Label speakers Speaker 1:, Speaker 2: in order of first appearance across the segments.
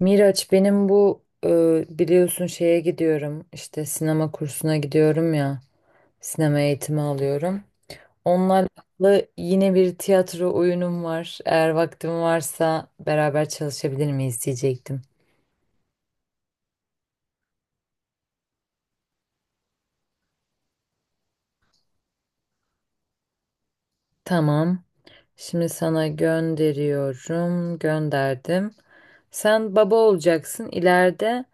Speaker 1: Miraç, benim bu biliyorsun şeye gidiyorum işte, sinema kursuna gidiyorum ya, sinema eğitimi alıyorum. Onlarla yine bir tiyatro oyunum var. Eğer vaktim varsa beraber çalışabilir miyiz diyecektim. Tamam. Şimdi sana gönderiyorum. Gönderdim. Sen baba olacaksın. İleride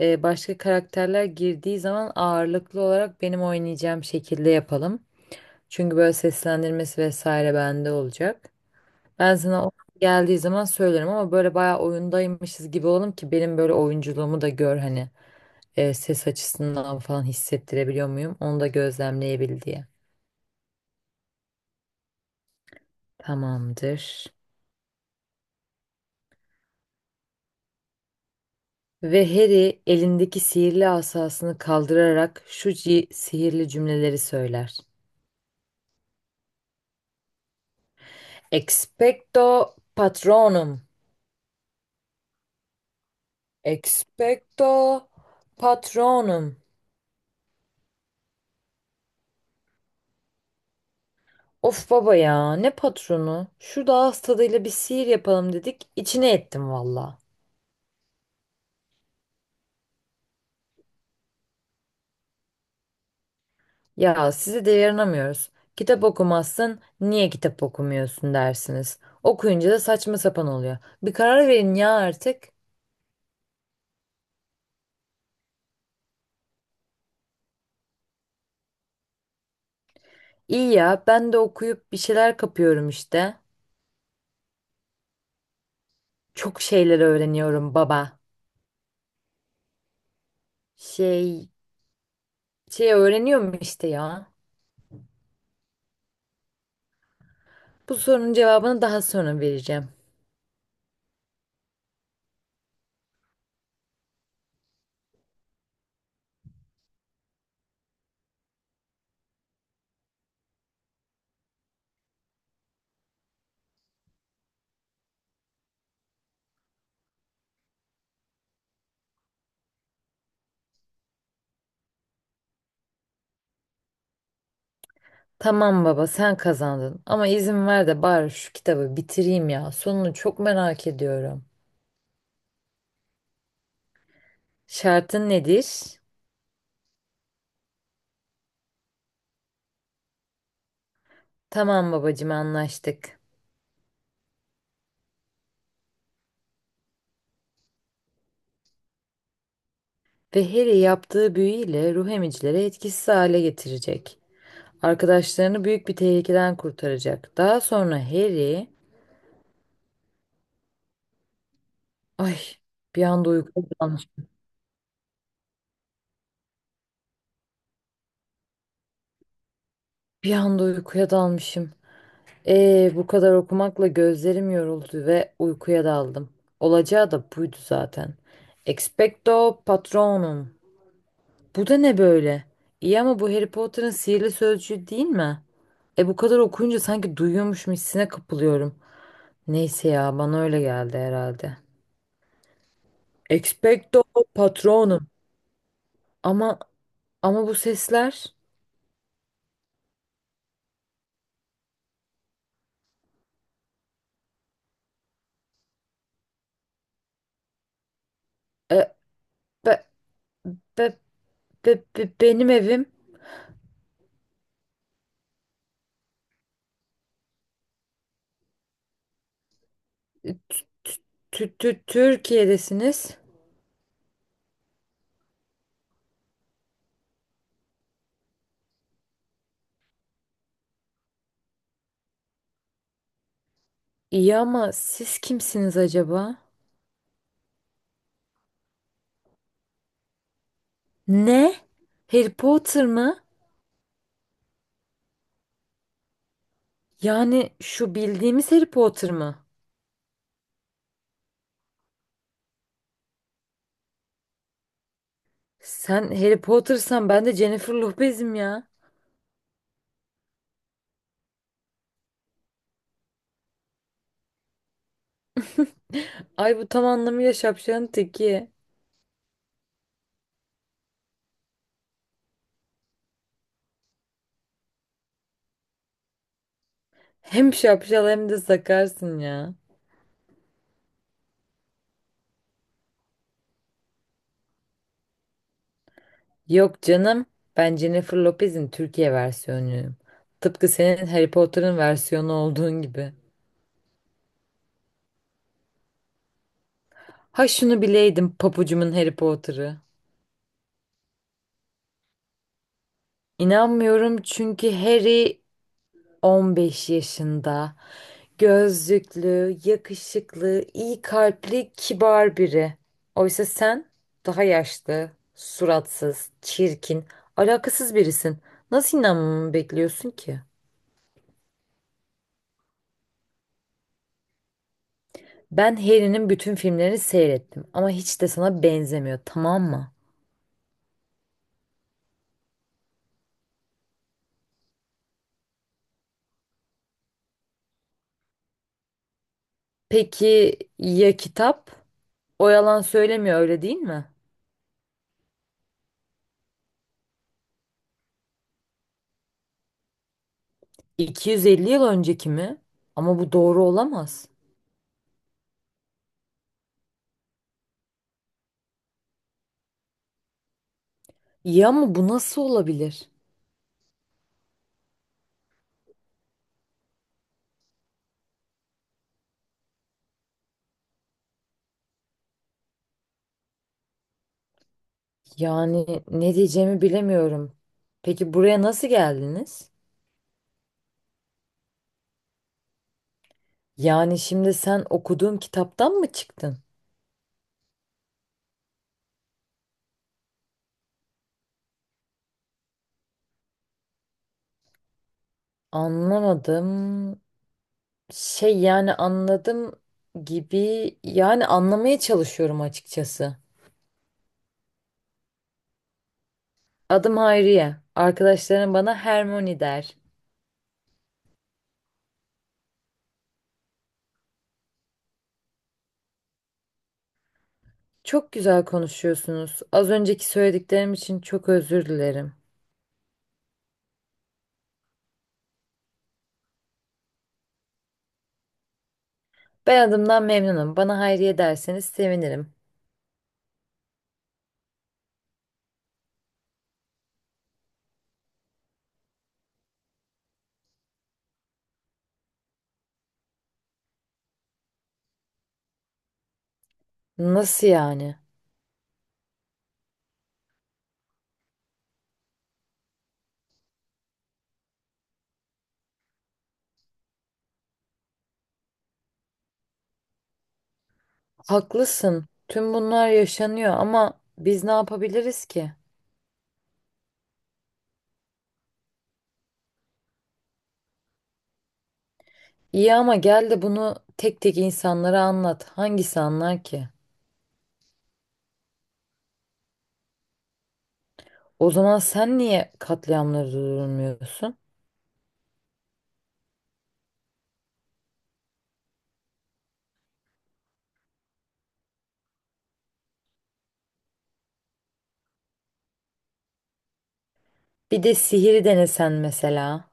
Speaker 1: başka karakterler girdiği zaman ağırlıklı olarak benim oynayacağım şekilde yapalım. Çünkü böyle seslendirmesi vesaire bende olacak. Ben sana o geldiği zaman söylerim, ama böyle bayağı oyundaymışız gibi olalım ki benim böyle oyunculuğumu da gör hani, ses açısından falan hissettirebiliyor muyum? Onu da gözlemleyebil diye. Tamamdır. Ve Harry elindeki sihirli asasını kaldırarak şu sihirli cümleleri söyler. Expecto patronum. Expecto patronum. Of baba ya, ne patronu? Şu ağız tadıyla bir sihir yapalım dedik, içine ettim valla. Ya, size de yaranamıyoruz. Kitap okumazsın, niye kitap okumuyorsun dersiniz. Okuyunca da saçma sapan oluyor. Bir karar verin ya artık. İyi ya, ben de okuyup bir şeyler kapıyorum işte. Çok şeyler öğreniyorum baba. Şey, şey öğreniyorum işte ya. Bu sorunun cevabını daha sonra vereceğim. Tamam baba, sen kazandın, ama izin ver de bari şu kitabı bitireyim ya. Sonunu çok merak ediyorum. Şartın nedir? Tamam babacığım, anlaştık. Ve Harry yaptığı büyüyle ruh emicileri etkisiz hale getirecek. Arkadaşlarını büyük bir tehlikeden kurtaracak. Daha sonra Harry... Ay, bir anda uykuya dalmışım. Bir anda uykuya dalmışım. Bu kadar okumakla gözlerim yoruldu ve uykuya daldım. Olacağı da buydu zaten. Expecto Patronum. Bu da ne böyle? İyi ama bu Harry Potter'ın sihirli sözcüğü değil mi? E, bu kadar okuyunca sanki duyuyormuşum hissine kapılıyorum. Neyse ya, bana öyle geldi herhalde. Expecto Patronum. Ama, ama bu sesler... e, be, be, benim evim. Tü- Türkiye'desiniz. İyi ama siz kimsiniz acaba? Ne? Harry Potter mı? Yani şu bildiğimiz Harry Potter mı? Sen Harry Potter'san ben de Jennifer Lopez'im ya. Ay, bu tam anlamıyla şapşalın teki. Hem şapşal hem de sakarsın ya. Yok canım. Ben Jennifer Lopez'in Türkiye versiyonuyum. Tıpkı senin Harry Potter'ın versiyonu olduğun gibi. Ha, şunu bileydim papucumun Harry Potter'ı. İnanmıyorum çünkü Harry 15 yaşında. Gözlüklü, yakışıklı, iyi kalpli, kibar biri. Oysa sen daha yaşlı, suratsız, çirkin, alakasız birisin. Nasıl inanmamı bekliyorsun ki? Ben Harry'nin bütün filmlerini seyrettim ama hiç de sana benzemiyor, tamam mı? Peki ya kitap? O yalan söylemiyor, öyle değil mi? 250 yıl önceki mi? Ama bu doğru olamaz. Ya ama bu nasıl olabilir? Yani ne diyeceğimi bilemiyorum. Peki buraya nasıl geldiniz? Yani şimdi sen okuduğum kitaptan mı çıktın? Anlamadım. Şey, yani anladım gibi, yani anlamaya çalışıyorum açıkçası. Adım Hayriye. Arkadaşlarım bana Hermione der. Çok güzel konuşuyorsunuz. Az önceki söylediklerim için çok özür dilerim. Ben adımdan memnunum. Bana Hayriye derseniz sevinirim. Nasıl yani? Haklısın. Tüm bunlar yaşanıyor ama biz ne yapabiliriz ki? İyi ama gel de bunu tek tek insanlara anlat. Hangisi anlar ki? O zaman sen niye katliamları durdurmuyorsun? Bir de sihiri denesen mesela.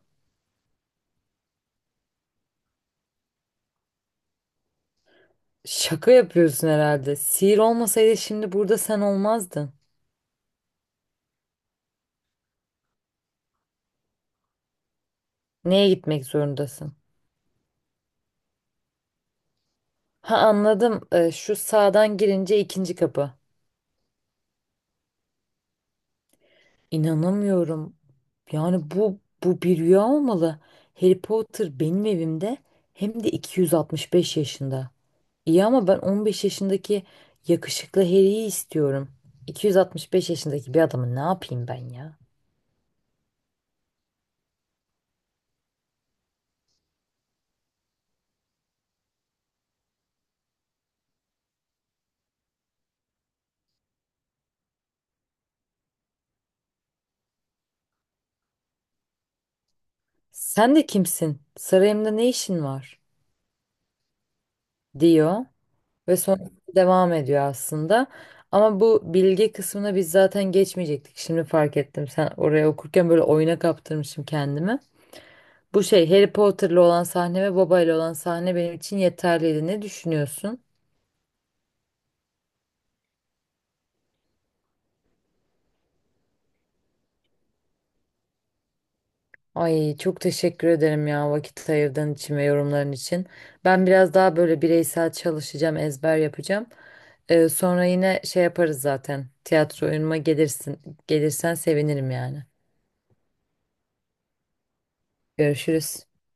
Speaker 1: Şaka yapıyorsun herhalde. Sihir olmasaydı şimdi burada sen olmazdın. Neye gitmek zorundasın? Ha, anladım. Şu sağdan girince ikinci kapı. İnanamıyorum. Yani bu bir rüya olmalı. Harry Potter benim evimde, hem de 265 yaşında. İyi ama ben 15 yaşındaki yakışıklı Harry'yi istiyorum. 265 yaşındaki bir adamı ne yapayım ben ya? Sen de kimsin? Sarayımda ne işin var? Diyor ve sonra devam ediyor aslında. Ama bu bilgi kısmına biz zaten geçmeyecektik. Şimdi fark ettim. Sen oraya okurken böyle oyuna kaptırmışım kendimi. Bu şey, Harry Potter'lı olan sahne ve babayla olan sahne benim için yeterliydi. Ne düşünüyorsun? Ay çok teşekkür ederim ya, vakit ayırdığın için ve yorumların için. Ben biraz daha böyle bireysel çalışacağım, ezber yapacağım. Sonra yine şey yaparız zaten. Tiyatro oyunuma gelirsin. Gelirsen sevinirim yani. Görüşürüz.